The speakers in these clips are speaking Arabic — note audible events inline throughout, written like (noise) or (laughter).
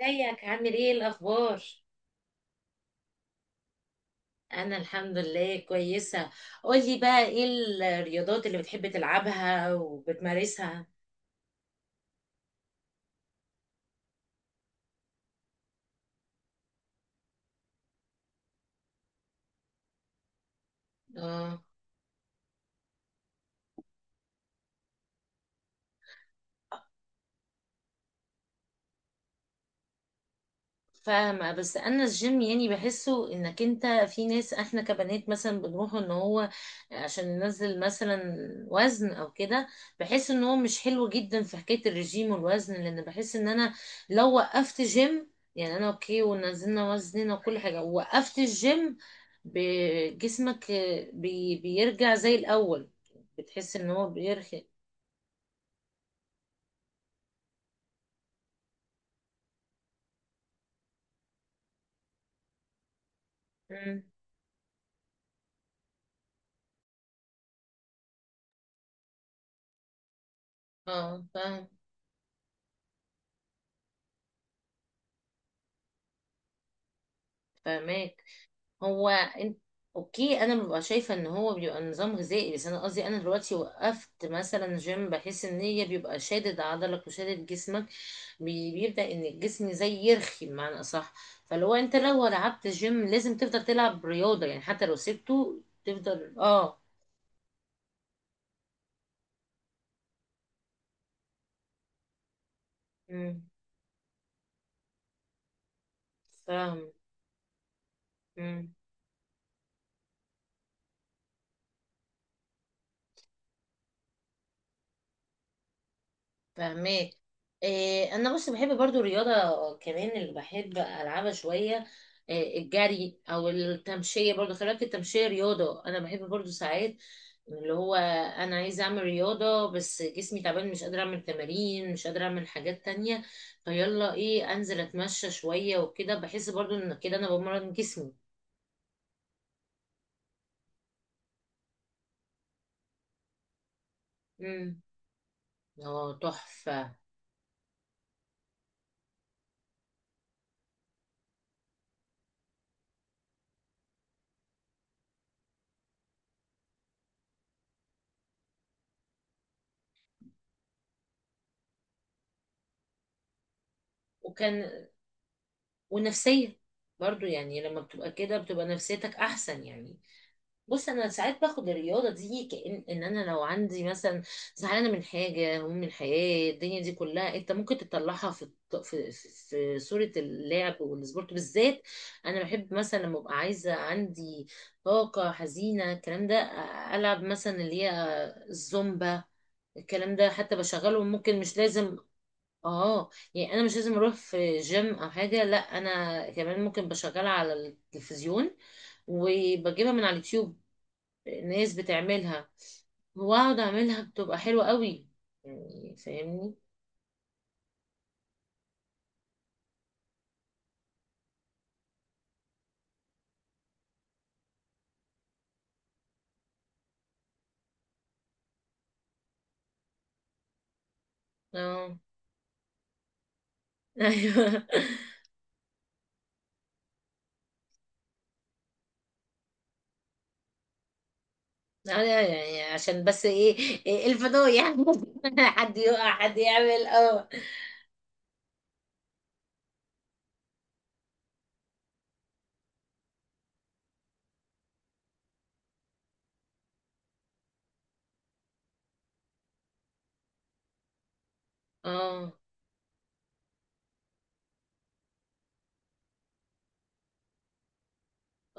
ازيك عامل ايه الاخبار؟ انا الحمد لله كويسه. قولي بقى ايه الرياضات اللي بتحب تلعبها وبتمارسها؟ اه، فاهمة. بس أنا الجيم يعني بحسه إنك أنت في ناس، إحنا كبنات مثلا بنروح إن هو عشان ننزل مثلا وزن أو كده. بحس إن هو مش حلو جدا في حكاية الرجيم والوزن، لأن بحس إن أنا لو وقفت جيم، يعني أنا أوكي ونزلنا وزننا وكل حاجة ووقفت الجيم، جسمك بيرجع زي الأول، بتحس إن هو بيرخي. مم. اه، فاهم، فاهمك. هو انت اوكي، انا ببقى شايفه ان هو بيبقى نظام غذائي، بس انا قصدي انا دلوقتي وقفت مثلا جيم بحس ان هي بيبقى شادد عضلك وشادد جسمك، بيبدا ان الجسم زي يرخي بمعنى اصح. فلو انت لو لعبت جيم لازم تفضل تلعب رياضه، يعني حتى لو سبته تفضل. اه. امم. فاهم، فاهمك. إيه، انا بص بحب برضو الرياضه كمان، اللي بحب العبها شويه إيه الجري او التمشيه، برضو خلي بالك التمشيه رياضه، انا بحب برضو ساعات اللي هو انا عايزه اعمل رياضه بس جسمي تعبان، مش قادره اعمل تمارين، مش قادره اعمل حاجات تانية، فيلا ايه، انزل اتمشى شويه وكده، بحس برضو ان كده انا بمرن جسمي. امم. اه، تحفه. وكان ونفسيه برضو، يعني لما بتبقى كده بتبقى نفسيتك احسن يعني. بص انا ساعات باخد الرياضه دي كأن ان انا لو عندي مثلا زعلانه من حاجه، هموم من الحياه الدنيا دي كلها، انت ممكن تطلعها في الط- في في صوره اللعب والسبورت بالذات. انا بحب مثلا لما ابقى عايزه عندي طاقه حزينه الكلام ده، العب مثلا اللي هي الزومبا، الكلام ده حتى بشغله ممكن، مش لازم. اه، يعني انا مش لازم اروح في جيم او حاجه، لا، انا كمان ممكن بشغلها على التلفزيون وبجيبها من على اليوتيوب، ناس بتعملها، واقعد اعملها بتبقى حلوة قوي، يعني فاهمني. اه. (laughs) ايوه. أنا يعني عشان بس ايه، إيه الفضايح (laughs) حد يقع حد يعمل اه. اه،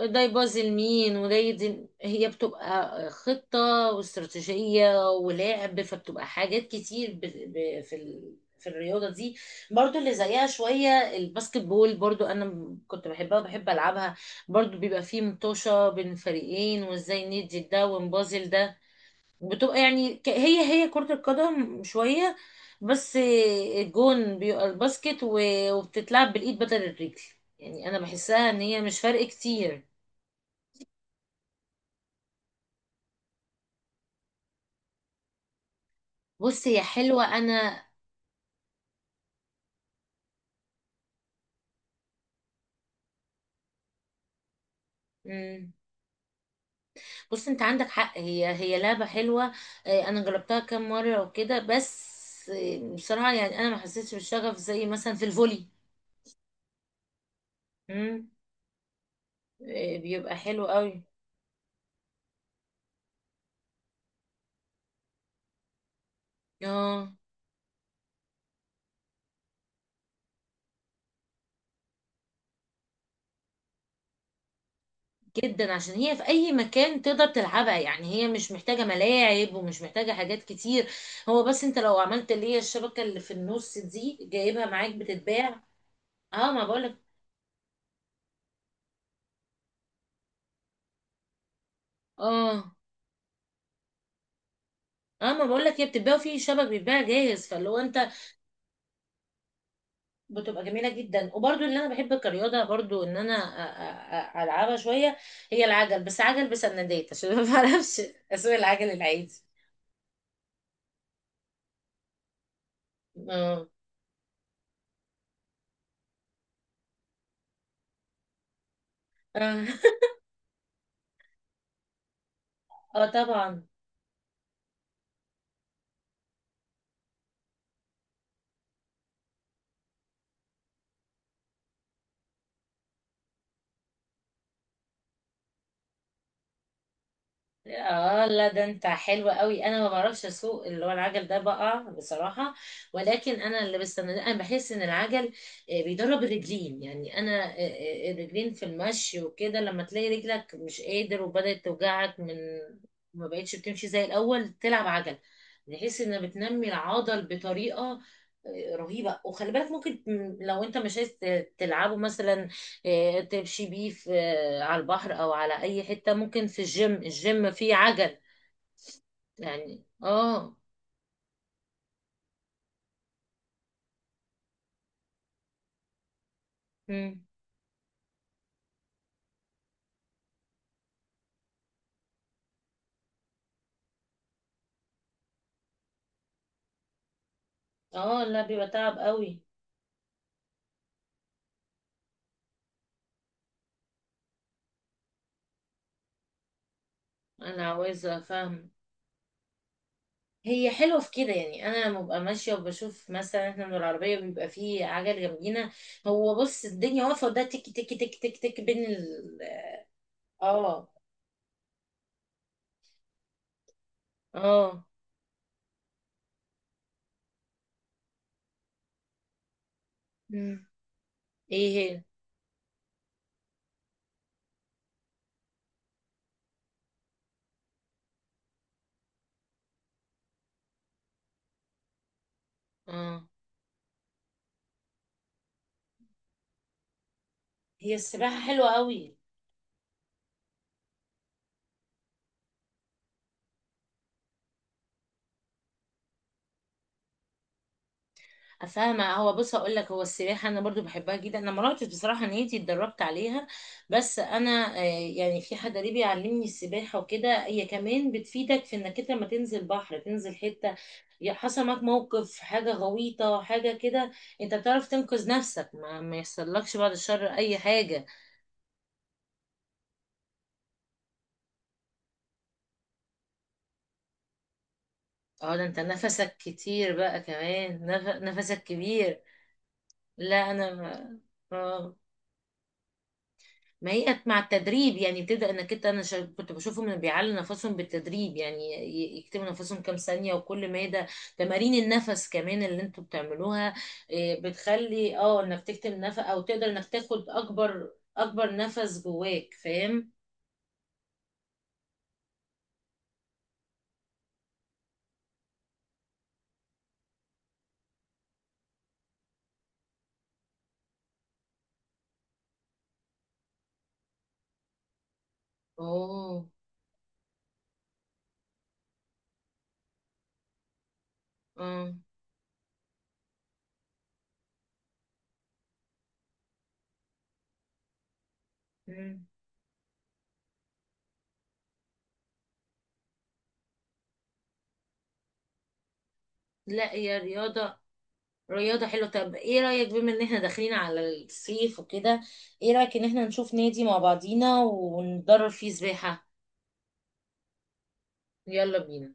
ده يبوظ المين وده يدي، هي بتبقى خطة واستراتيجية ولعب، فبتبقى حاجات كتير في الرياضة دي. برضو اللي زيها شوية الباسكت بول، برضو أنا كنت بحبها وبحب ألعبها، برضو بيبقى فيه مطوشة بين فريقين، وازاي ندي ده ونبازل ده. بتبقى يعني هي كرة القدم شوية، بس الجون بيبقى الباسكت، و- وبتتلعب بالإيد بدل الرجل. يعني أنا بحسها إن هي مش فرق كتير. بص هي حلوة أنا. مم. بص أنت عندك حق، هي هي لعبة حلوة. آه، أنا جربتها كام مرة وكده بس. آه، بصراحة يعني أنا ما حسيتش بالشغف زي مثلا في الفولي. مم. آه، بيبقى حلو قوي. اه، جدا، عشان هي في أي مكان تقدر تلعبها، يعني هي مش محتاجة ملاعب ومش محتاجة حاجات كتير، هو بس أنت لو عملت اللي هي الشبكة اللي في النص دي جايبها معاك، بتتباع. اه ما بقولك. اه، اه، ما بقولك، هي بتتباع في شبك بيتباع جاهز، فاللي هو انت بتبقى جميلة جدا. وبرضو اللي انا بحب كرياضة، برضو ان انا العبها شوية، هي العجل، بس عجل بسندات عشان ما بعرفش اسوق العجل العادي. اه. اه. (laughs) آه طبعا. اه لا، ده انت حلو قوي، انا ما بعرفش اسوق اللي هو العجل ده بقى بصراحه. ولكن انا اللي بستنى، انا بحس ان العجل آه، بيدرب الرجلين، يعني انا آه، الرجلين في المشي وكده، لما تلاقي رجلك مش قادر وبدات توجعك من ما بقتش بتمشي زي الاول، تلعب عجل بحيث انها بتنمي العضل بطريقه آه، رهيبه. وخلي بالك ممكن لو انت مش عايز تلعبه مثلا آه، تمشي بيه في على البحر او على اي حتة، ممكن في الجيم، الجيم فيه عجل. يعني اه. مم. اه لا، بيبقى تعب قوي. انا عاوزة افهم. هي حلوة في كده، يعني انا لما ببقى ماشية وبشوف مثلا احنا من العربية بيبقى فيه عجل جنبينا، هو بص الدنيا واقفة وده تك تك تك تك تك بين ال، اه. اه. مم. ايه هي؟ اه، هي السباحة حلوة قوي. فاهمة. هو بص، هقول لك هو السباحة أنا برضو بحبها جدا، أنا ما رحتش بصراحة نيتي اتدربت عليها، بس أنا آه، يعني في حد قريبي علمني السباحة وكده. هي كمان بتفيدك في إنك أنت لما تنزل بحر، تنزل حتة يا حصل معاك موقف، حاجة غويطة حاجة كده، أنت بتعرف تنقذ نفسك، ما يحصلكش بعد الشر أي حاجة. اه ده أنت نفسك كتير بقى كمان، نفسك كبير. لا أنا، ما... ما هي مع التدريب يعني بتبدأ انك انت، انا كنت بشوفهم انه بيعلوا نفسهم بالتدريب، يعني يكتموا نفسهم كام ثانية وكل مادة تمارين النفس كمان اللي انتوا بتعملوها. إيه، بتخلي انك تكتم نفس او تقدر انك تاخد اكبر اكبر نفس جواك فاهم. اوه. اه. مم. لا، هي رياضة حلوة. طب ايه رأيك، بما ان احنا داخلين على الصيف وكده، ايه رأيك ان احنا نشوف نادي مع بعضينا وندرب فيه سباحة؟ يلا بينا.